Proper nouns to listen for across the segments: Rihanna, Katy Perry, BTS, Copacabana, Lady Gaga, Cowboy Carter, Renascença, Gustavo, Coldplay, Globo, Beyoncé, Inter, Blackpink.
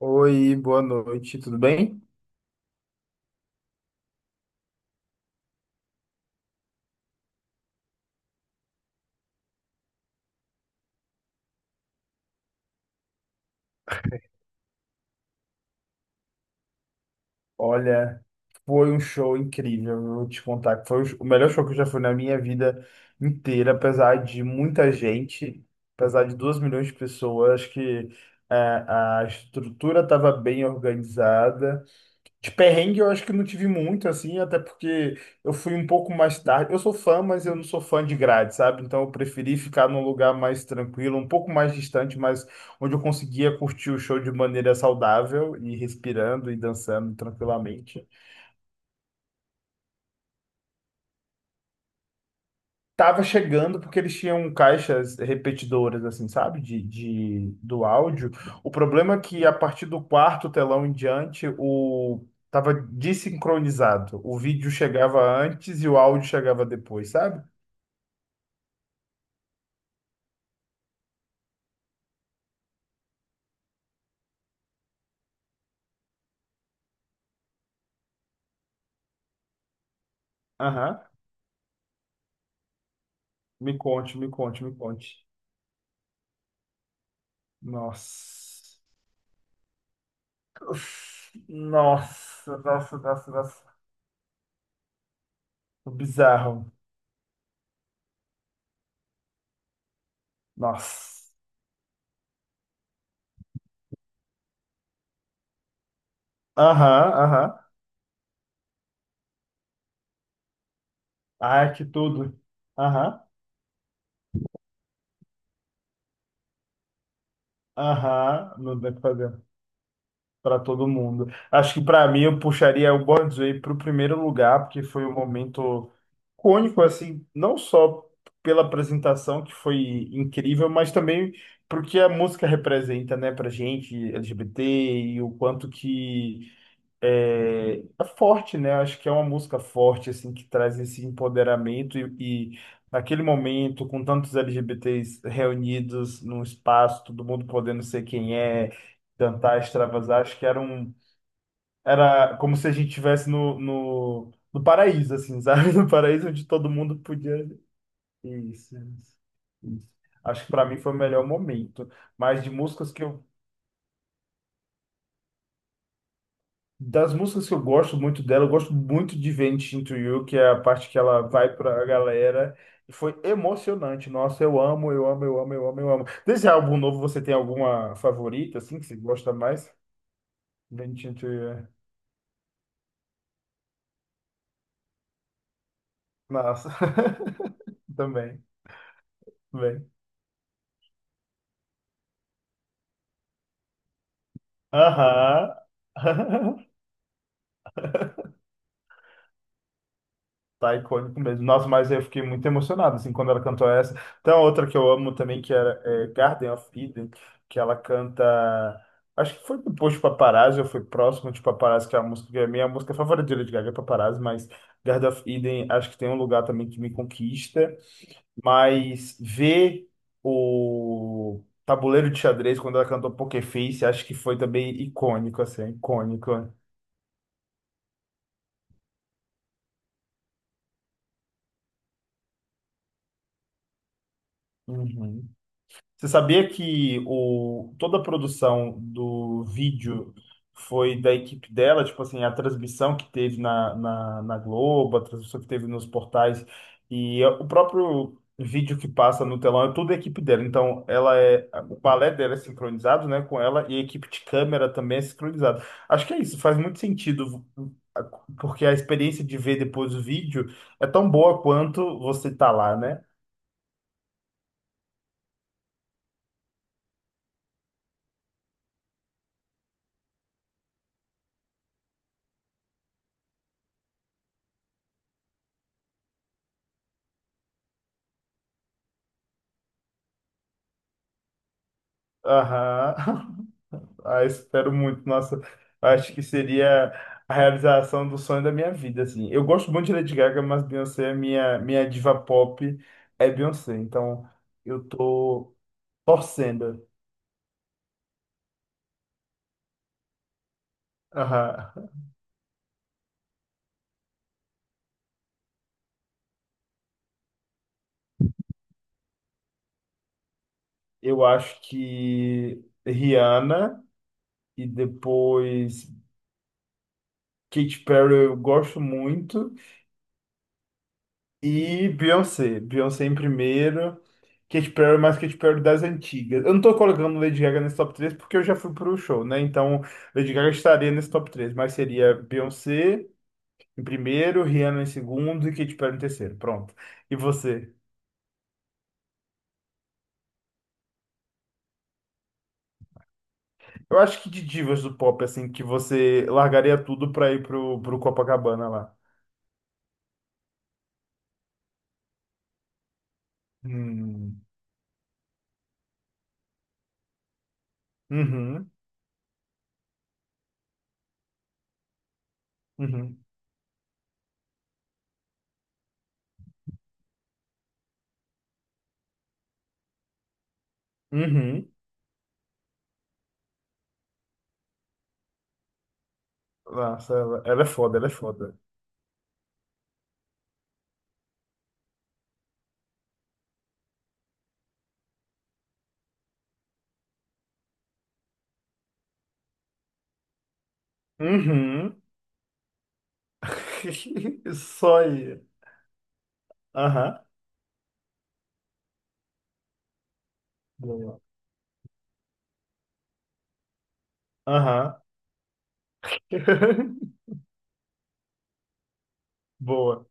Oi, boa noite, tudo bem? Olha, foi um show incrível, eu vou te contar que foi o melhor show que eu já fui na minha vida inteira, apesar de muita gente, apesar de 2 milhões de pessoas, acho que a estrutura estava bem organizada. De perrengue eu acho que não tive muito, assim, até porque eu fui um pouco mais tarde. Eu sou fã, mas eu não sou fã de grade, sabe? Então eu preferi ficar num lugar mais tranquilo, um pouco mais distante, mas onde eu conseguia curtir o show de maneira saudável e respirando e dançando tranquilamente. Tava chegando porque eles tinham caixas repetidoras, assim, sabe? Do áudio. O problema é que a partir do quarto telão em diante, o tava desincronizado. O vídeo chegava antes e o áudio chegava depois, sabe? Aham. Me conte, me conte, me conte. Nossa. Uf. Nossa, nossa, nossa, nossa. Bizarro. Nossa. Aham, aham. Ai, que tudo. Aham, aham. Não dá pra fazer. Para todo mundo. Acho que para mim eu puxaria o Born's Way para o primeiro lugar, porque foi um momento cônico, assim, não só pela apresentação, que foi incrível, mas também porque a música representa, né, pra gente, LGBT, e o quanto que é forte, né? Acho que é uma música forte, assim, que traz esse empoderamento e naquele momento, com tantos LGBTs reunidos num espaço, todo mundo podendo ser quem é, cantar, extravasar, acho que era como se a gente estivesse no paraíso, assim, sabe? No paraíso onde todo mundo podia. Isso, né? Isso. Acho que para mim foi o melhor momento. Mas de músicas que eu Das músicas que eu gosto muito dela, eu gosto muito de Vent Into You, que é a parte que ela vai pra galera. E foi emocionante. Nossa, eu amo, eu amo, eu amo, eu amo, eu amo. Desse álbum novo, você tem alguma favorita, assim, que você gosta mais? Vent Into You. Nossa, também, também. Aham. Tá icônico mesmo. Nossa, mas eu fiquei muito emocionado, assim, quando ela cantou essa. Tem uma outra que eu amo também, que era Garden of Eden, que ela canta... Acho que foi depois de Paparazzi, ou foi próximo de Paparazzi, que é a música, que é a minha música favorita de Lady Gaga, é Paparazzi, mas Garden of Eden, acho que tem um lugar também que me conquista. Mas ver o tabuleiro de xadrez, quando ela cantou Poker Face, acho que foi também icônico, assim, icônico. Uhum. Você sabia que toda a produção do vídeo foi da equipe dela? Tipo assim, a transmissão que teve na Globo, a transmissão que teve nos portais e o próprio vídeo que passa no telão é tudo a equipe dela. Então, o balé dela é sincronizado, né, com ela e a equipe de câmera também é sincronizada. Acho que é isso, faz muito sentido. Porque a experiência de ver depois o vídeo é tão boa quanto você tá lá, né? Aham. Ah, espero muito. Nossa, acho que seria a realização do sonho da minha vida, assim. Eu gosto muito de Lady Gaga, mas Beyoncé é minha diva pop, é Beyoncé. Então, eu tô torcendo. Aham. Eu acho que Rihanna e depois Katy Perry eu gosto muito. E Beyoncé. Beyoncé em primeiro. Katy Perry, mais Katy Perry das antigas. Eu não tô colocando Lady Gaga nesse top 3 porque eu já fui pro show, né? Então, Lady Gaga estaria nesse top 3, mas seria Beyoncé em primeiro, Rihanna em segundo e Katy Perry em terceiro. Pronto. E você? Eu acho que de divas do pop, assim, que você largaria tudo pra ir pro Copacabana lá. Hum. Uhum. Uhum. Uhum. Nossa, ela é foda, ela é foda. Uhum. Só aí. Aham, boa. Aham. Boa.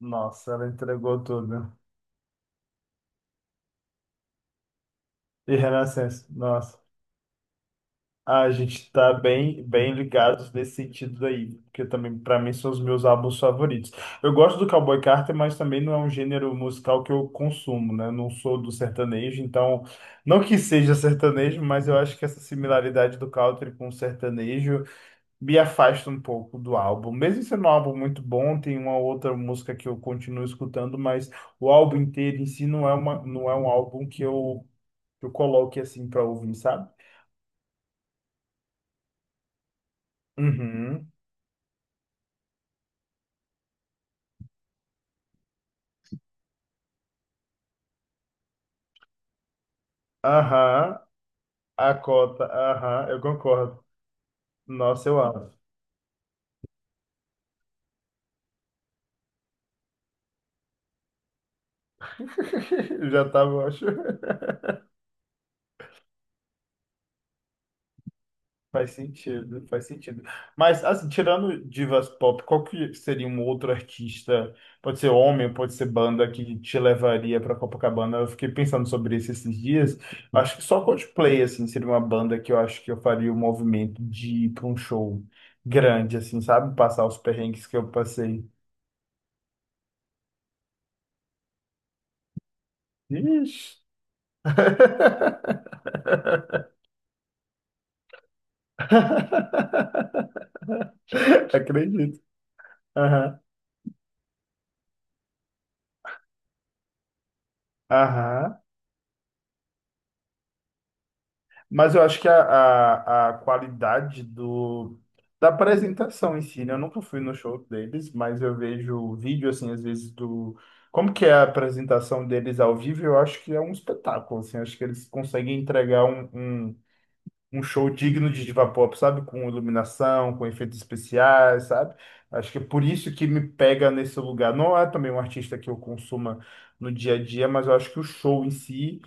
Nossa, ela entregou tudo. E Renascença, nossa. Ah, a gente tá bem, bem ligados nesse sentido daí, porque também pra mim são os meus álbuns favoritos. Eu gosto do Cowboy Carter, mas também não é um gênero musical que eu consumo, né? Não sou do sertanejo, então não que seja sertanejo, mas eu acho que essa similaridade do country com o sertanejo me afasta um pouco do álbum. Mesmo sendo um álbum muito bom, tem uma outra música que eu continuo escutando, mas o álbum inteiro em si não é uma, não é um álbum que eu, coloque assim para ouvir, sabe? Uhum. Aham. A cota. Aham, eu concordo. Nossa, eu amo. Eu já tava, eu acho. Faz sentido, faz sentido. Mas, assim, tirando divas pop, qual que seria um outro artista? Pode ser homem, pode ser banda que te levaria para Copacabana. Eu fiquei pensando sobre isso esses dias. Acho que só Coldplay, assim, seria uma banda que eu acho que eu faria o movimento de ir para um show grande, assim, sabe? Passar os perrengues que eu passei. Ixi! Acredito. Aham. Aham. Mas eu acho que a qualidade do, da apresentação em si, né? Eu nunca fui no show deles, mas eu vejo vídeo, assim, às vezes Como que é a apresentação deles ao vivo, eu acho que é um espetáculo, assim. Eu acho que eles conseguem entregar um show digno de diva pop, sabe? Com iluminação, com efeitos especiais, sabe? Acho que é por isso que me pega nesse lugar. Não é também um artista que eu consuma no dia a dia, mas eu acho que o show em si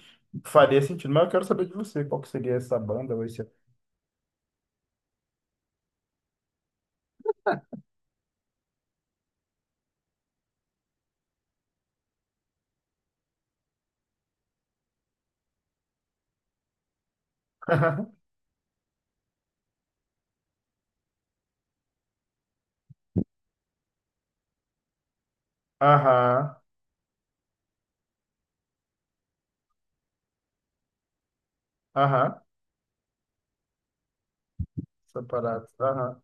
faria sentido. Mas eu quero saber de você, qual que seria essa banda ou esse... Aham, aham, separado, aham,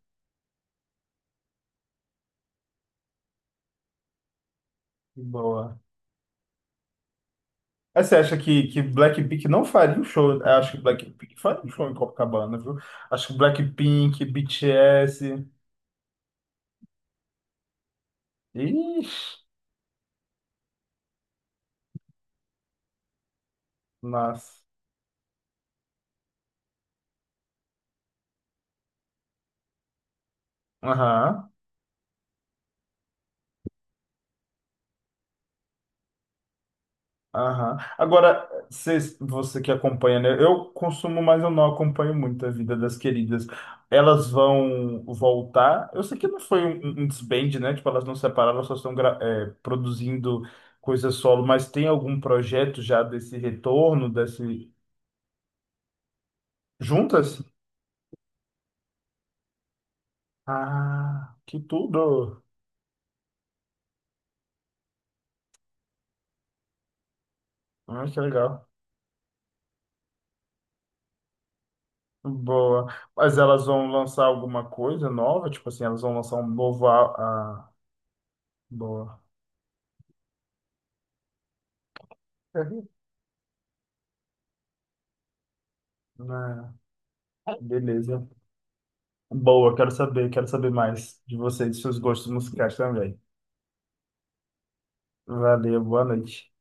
boa. Mas você acha que Blackpink não faria um show? Eu acho que Blackpink faria um show em Copacabana, viu? Acho que Blackpink, BTS... Ixi, nossa. Aham, aham. Agora, você que acompanha, né? Eu consumo, mas eu não acompanho muito a vida das queridas. Elas vão voltar. Eu sei que não foi um desband, né? Tipo, elas não separaram, elas só estão produzindo coisa solo, mas tem algum projeto já desse retorno, desse. Juntas? Ah, que tudo! Ah, que legal. Boa. Mas elas vão lançar alguma coisa nova? Tipo assim, elas vão lançar um novo. Ah, boa. Né? Beleza. Boa, quero saber mais de vocês, de seus gostos musicais também. Valeu, boa noite.